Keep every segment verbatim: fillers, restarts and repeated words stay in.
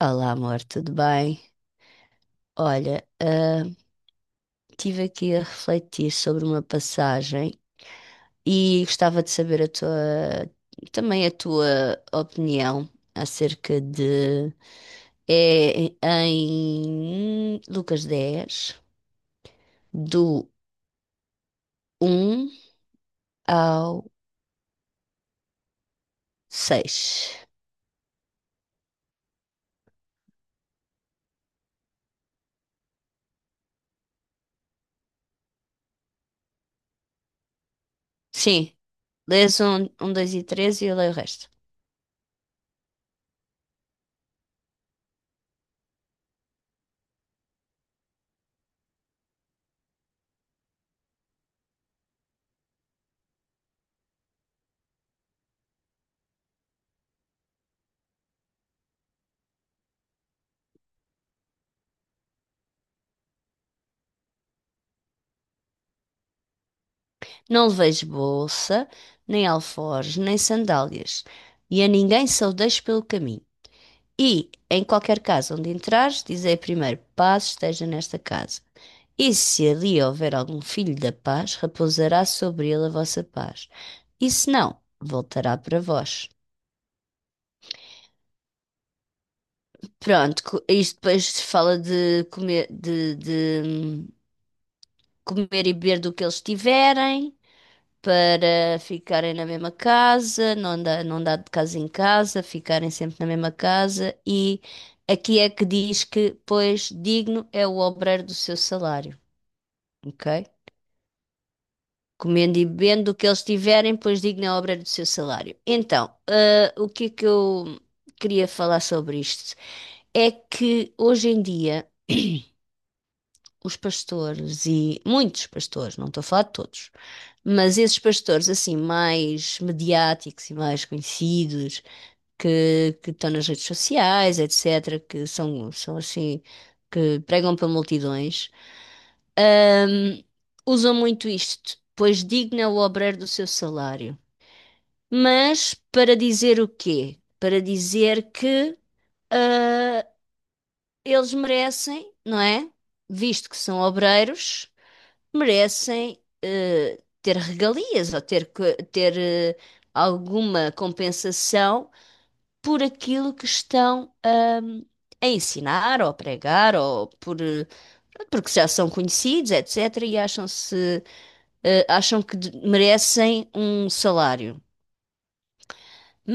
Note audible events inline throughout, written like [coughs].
Olá, amor, tudo bem? Olha, ah, estive aqui a refletir sobre uma passagem e gostava de saber a tua, também a tua opinião acerca de. É em Lucas dez do um ao seis. Sim, lês um um, dois e três e eu leio o resto. Não leveis bolsa, nem alforjes, nem sandálias, e a ninguém saudeis pelo caminho. E, em qualquer casa onde entrares, dizei primeiro: paz esteja nesta casa. E se ali houver algum filho da paz, repousará sobre ele a vossa paz. E se não, voltará para vós. Pronto, co- isto depois fala de comer, de, de, hum, comer e beber do que eles tiverem, para ficarem na mesma casa, não andar, não andar de casa em casa, ficarem sempre na mesma casa. E aqui é que diz que, pois, digno é o obreiro do seu salário, ok? Comendo e bebendo o que eles tiverem, pois digno é o obreiro do seu salário. Então, ah, o que é que eu queria falar sobre isto? É que hoje em dia. Os pastores e muitos pastores, não estou a falar de todos, mas esses pastores assim mais mediáticos e mais conhecidos, que, que estão nas redes sociais, etcétera, que são, são assim, que pregam para multidões, ahm, usam muito isto, pois digna o obreiro do seu salário. Mas para dizer o quê? Para dizer que ah, eles merecem, não é? Visto que são obreiros, merecem eh, ter regalias ou ter, co- ter eh, alguma compensação por aquilo que estão ahm, a ensinar ou a pregar ou por eh, porque já são conhecidos, etcétera, e acham-se eh, acham que de- merecem um salário.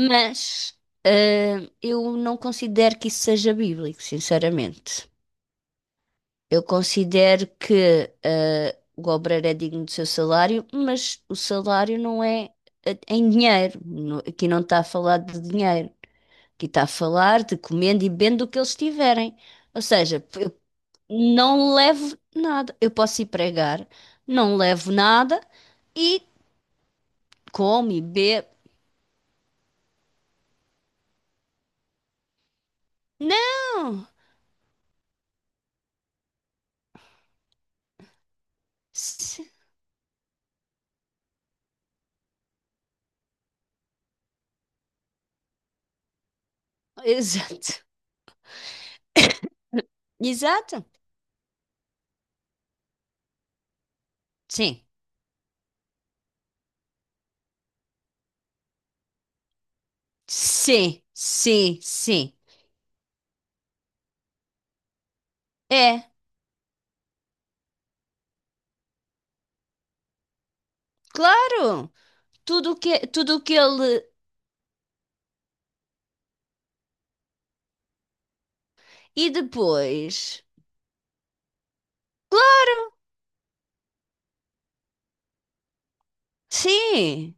Mas eh, eu não considero que isso seja bíblico, sinceramente. Eu considero que eh, o obreiro é digno do seu salário, mas o salário não é eh, em dinheiro. No- Aqui não está a falar de dinheiro. Que está a falar de comendo e bebendo do que eles tiverem. Ou seja, eu não levo nada. Eu posso ir pregar, não levo nada e come, e bebe. Não! Se- Exato. [coughs] Exato. Sim. Sim, sim, sim. É, claro. Tudo o que, tudo o que ele. E depois? Claro, sim.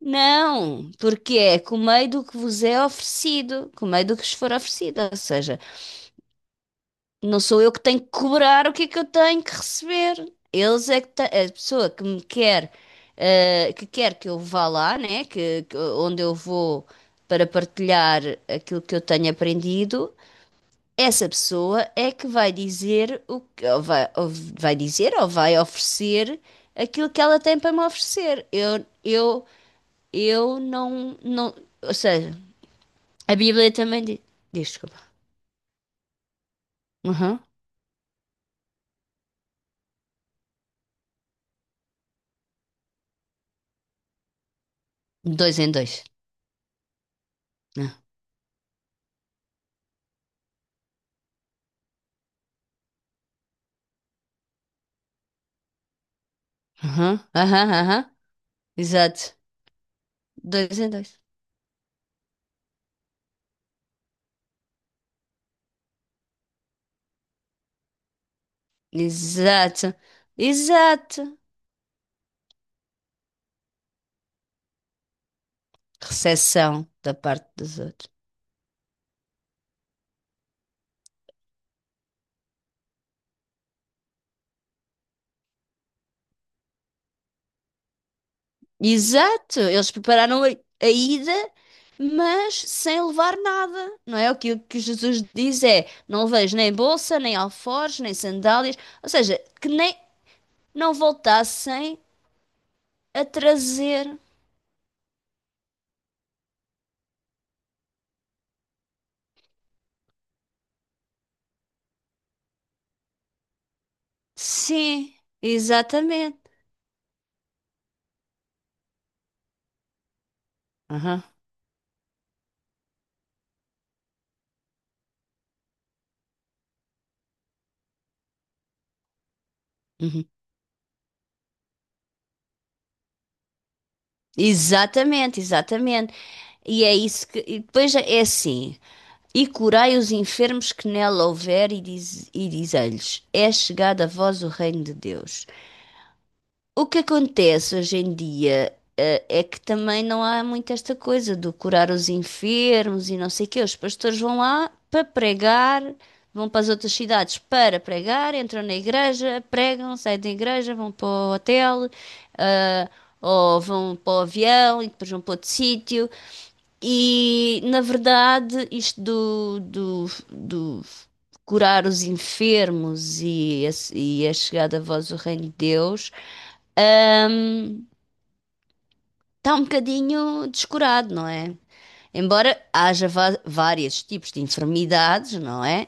Não, porque é comei do que vos é oferecido, comei do que vos for oferecido, ou seja, não sou eu que tenho que cobrar o que é que eu tenho que receber. Eles é que te- a pessoa que me quer, eh, que quer que eu vá lá, né, que, que- onde eu vou para partilhar aquilo que eu tenho aprendido, essa pessoa é que vai dizer o que, ou vai, ou vai dizer ou vai oferecer aquilo que ela tem para me oferecer. Eu, eu eu não, não. Ou seja, a Bíblia também diz. Diz, desculpa. Uhum. Dois em dois. Né? Uhum. Aham, uhum, aham. Exato. Dois em dois. Exato. Exato. Recessão da parte dos outros. Exato. Eles prepararam a, a ida, mas sem levar nada. Não é? O que, o que Jesus diz é: não leveis nem bolsa, nem alforjes, nem sandálias. Ou seja, que nem não voltassem a trazer. Sim, exatamente. Aham, uhum. Exatamente, exatamente. E é isso que. E depois é é assim. E curai os enfermos que nela houver, e diz, e diz-lhes: é chegado a vós o reino de Deus. O que acontece hoje em dia, eh, é que também não há muito esta coisa do curar os enfermos e não sei o quê. Os pastores vão lá para pregar, vão para as outras cidades para pregar, entram na igreja, pregam, saem da igreja, vão para o hotel ou vão para o avião e depois vão para outro sítio. E na verdade, isto do, do, do curar os enfermos e a, e a chegada a vós do Reino de Deus está um bocadinho descurado, não é? Embora haja va- vários tipos de enfermidades, não é?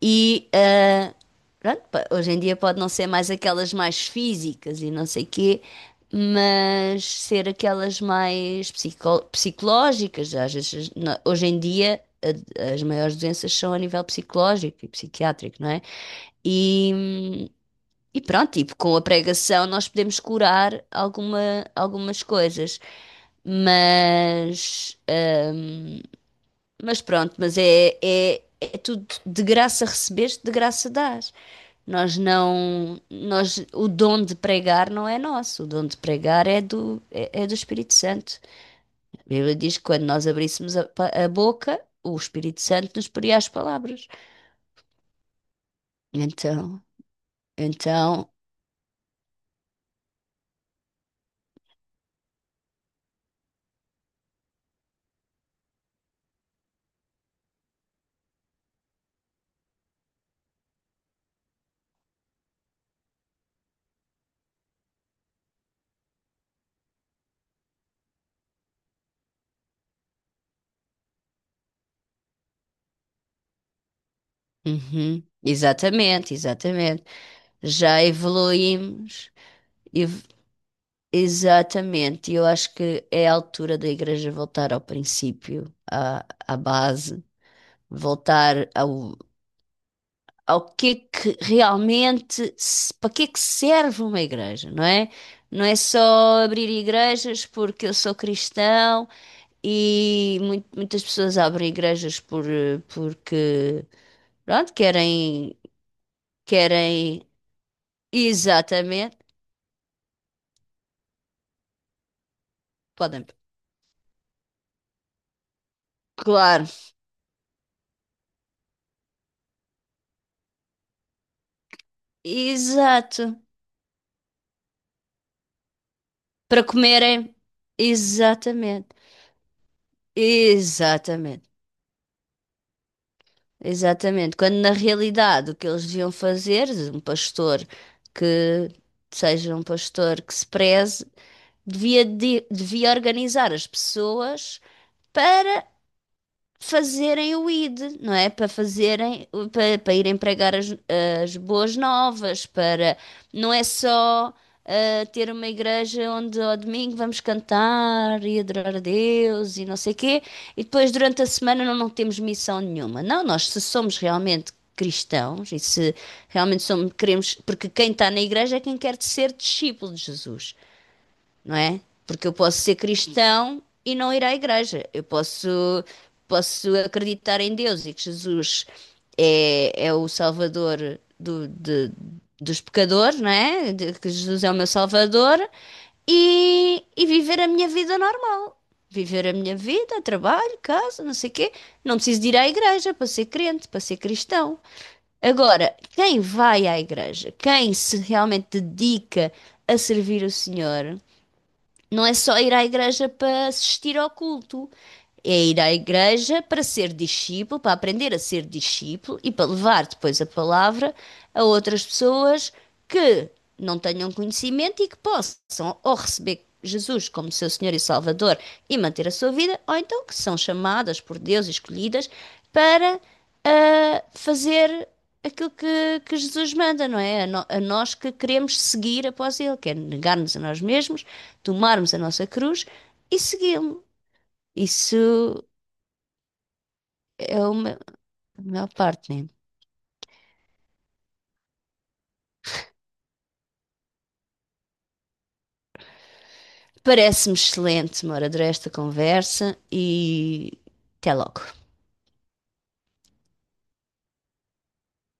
E pronto, pa- hoje em dia pode não ser mais aquelas mais físicas e não sei quê, mas ser aquelas mais psico- psicológicas. Às vezes, na- hoje em dia, a- as maiores doenças são a nível psicológico e psiquiátrico, não é? E, e pronto, tipo, com a pregação nós podemos curar alguma, algumas coisas, mas, eh, mas pronto, mas é, é, é tudo de graça recebeste, de graça dás. Nós não, nós, O dom de pregar não é nosso, o dom de pregar é do, é, é do Espírito Santo. A Bíblia diz que quando nós abríssemos a, a boca, o Espírito Santo nos poria as palavras. Então, então, uhum, exatamente, exatamente. Já evoluímos, ev- exatamente. E eu acho que é a altura da igreja voltar ao princípio, à, à base, voltar ao, ao que é que realmente, se- para que é que serve uma igreja, não é? Não é só abrir igrejas porque eu sou cristão e mui- muitas pessoas abrem igrejas por, eh, porque, pronto, querem, querem, exatamente, podem, claro, exato, para comerem, exatamente, exatamente. Exatamente. Quando na realidade o que eles deviam fazer, um pastor que seja um pastor que se preze, devia, de- devia organizar as pessoas para fazerem o I D, não é? Para fazerem, para, para irem pregar as, as boas novas, para não é só ah, ter uma igreja onde ao domingo vamos cantar e adorar a Deus e não sei quê, e depois durante a semana não, não temos missão nenhuma. Não, nós se somos realmente cristãos e se realmente somos, queremos, porque quem está na igreja é quem quer ser discípulo de Jesus, não é? Porque eu posso ser cristão e não ir à igreja. Eu posso, posso acreditar em Deus e que Jesus é, é o Salvador do- de- dos pecadores, não é? De- que Jesus é o meu Salvador e, e viver a minha vida normal. Viver a minha vida, trabalho, casa, não sei o quê. Não preciso de ir à igreja para ser crente, para ser cristão. Agora, quem vai à igreja, quem se realmente dedica a servir o Senhor, não é só ir à igreja para assistir ao culto, é ir à igreja para ser discípulo, para aprender a ser discípulo e para levar depois a palavra a outras pessoas que não tenham conhecimento e que possam ou receber Jesus como seu Senhor e Salvador e manter a sua vida, ou então que são chamadas por Deus, e escolhidas, para ah, fazer aquilo que, que Jesus manda, não é? A, no- a nós que queremos seguir após Ele, que é negar-nos a nós mesmos, tomarmos a nossa cruz e segui-lo. Isso é uma a maior parte, né? Parece-me excelente, Mora, esta conversa e até logo.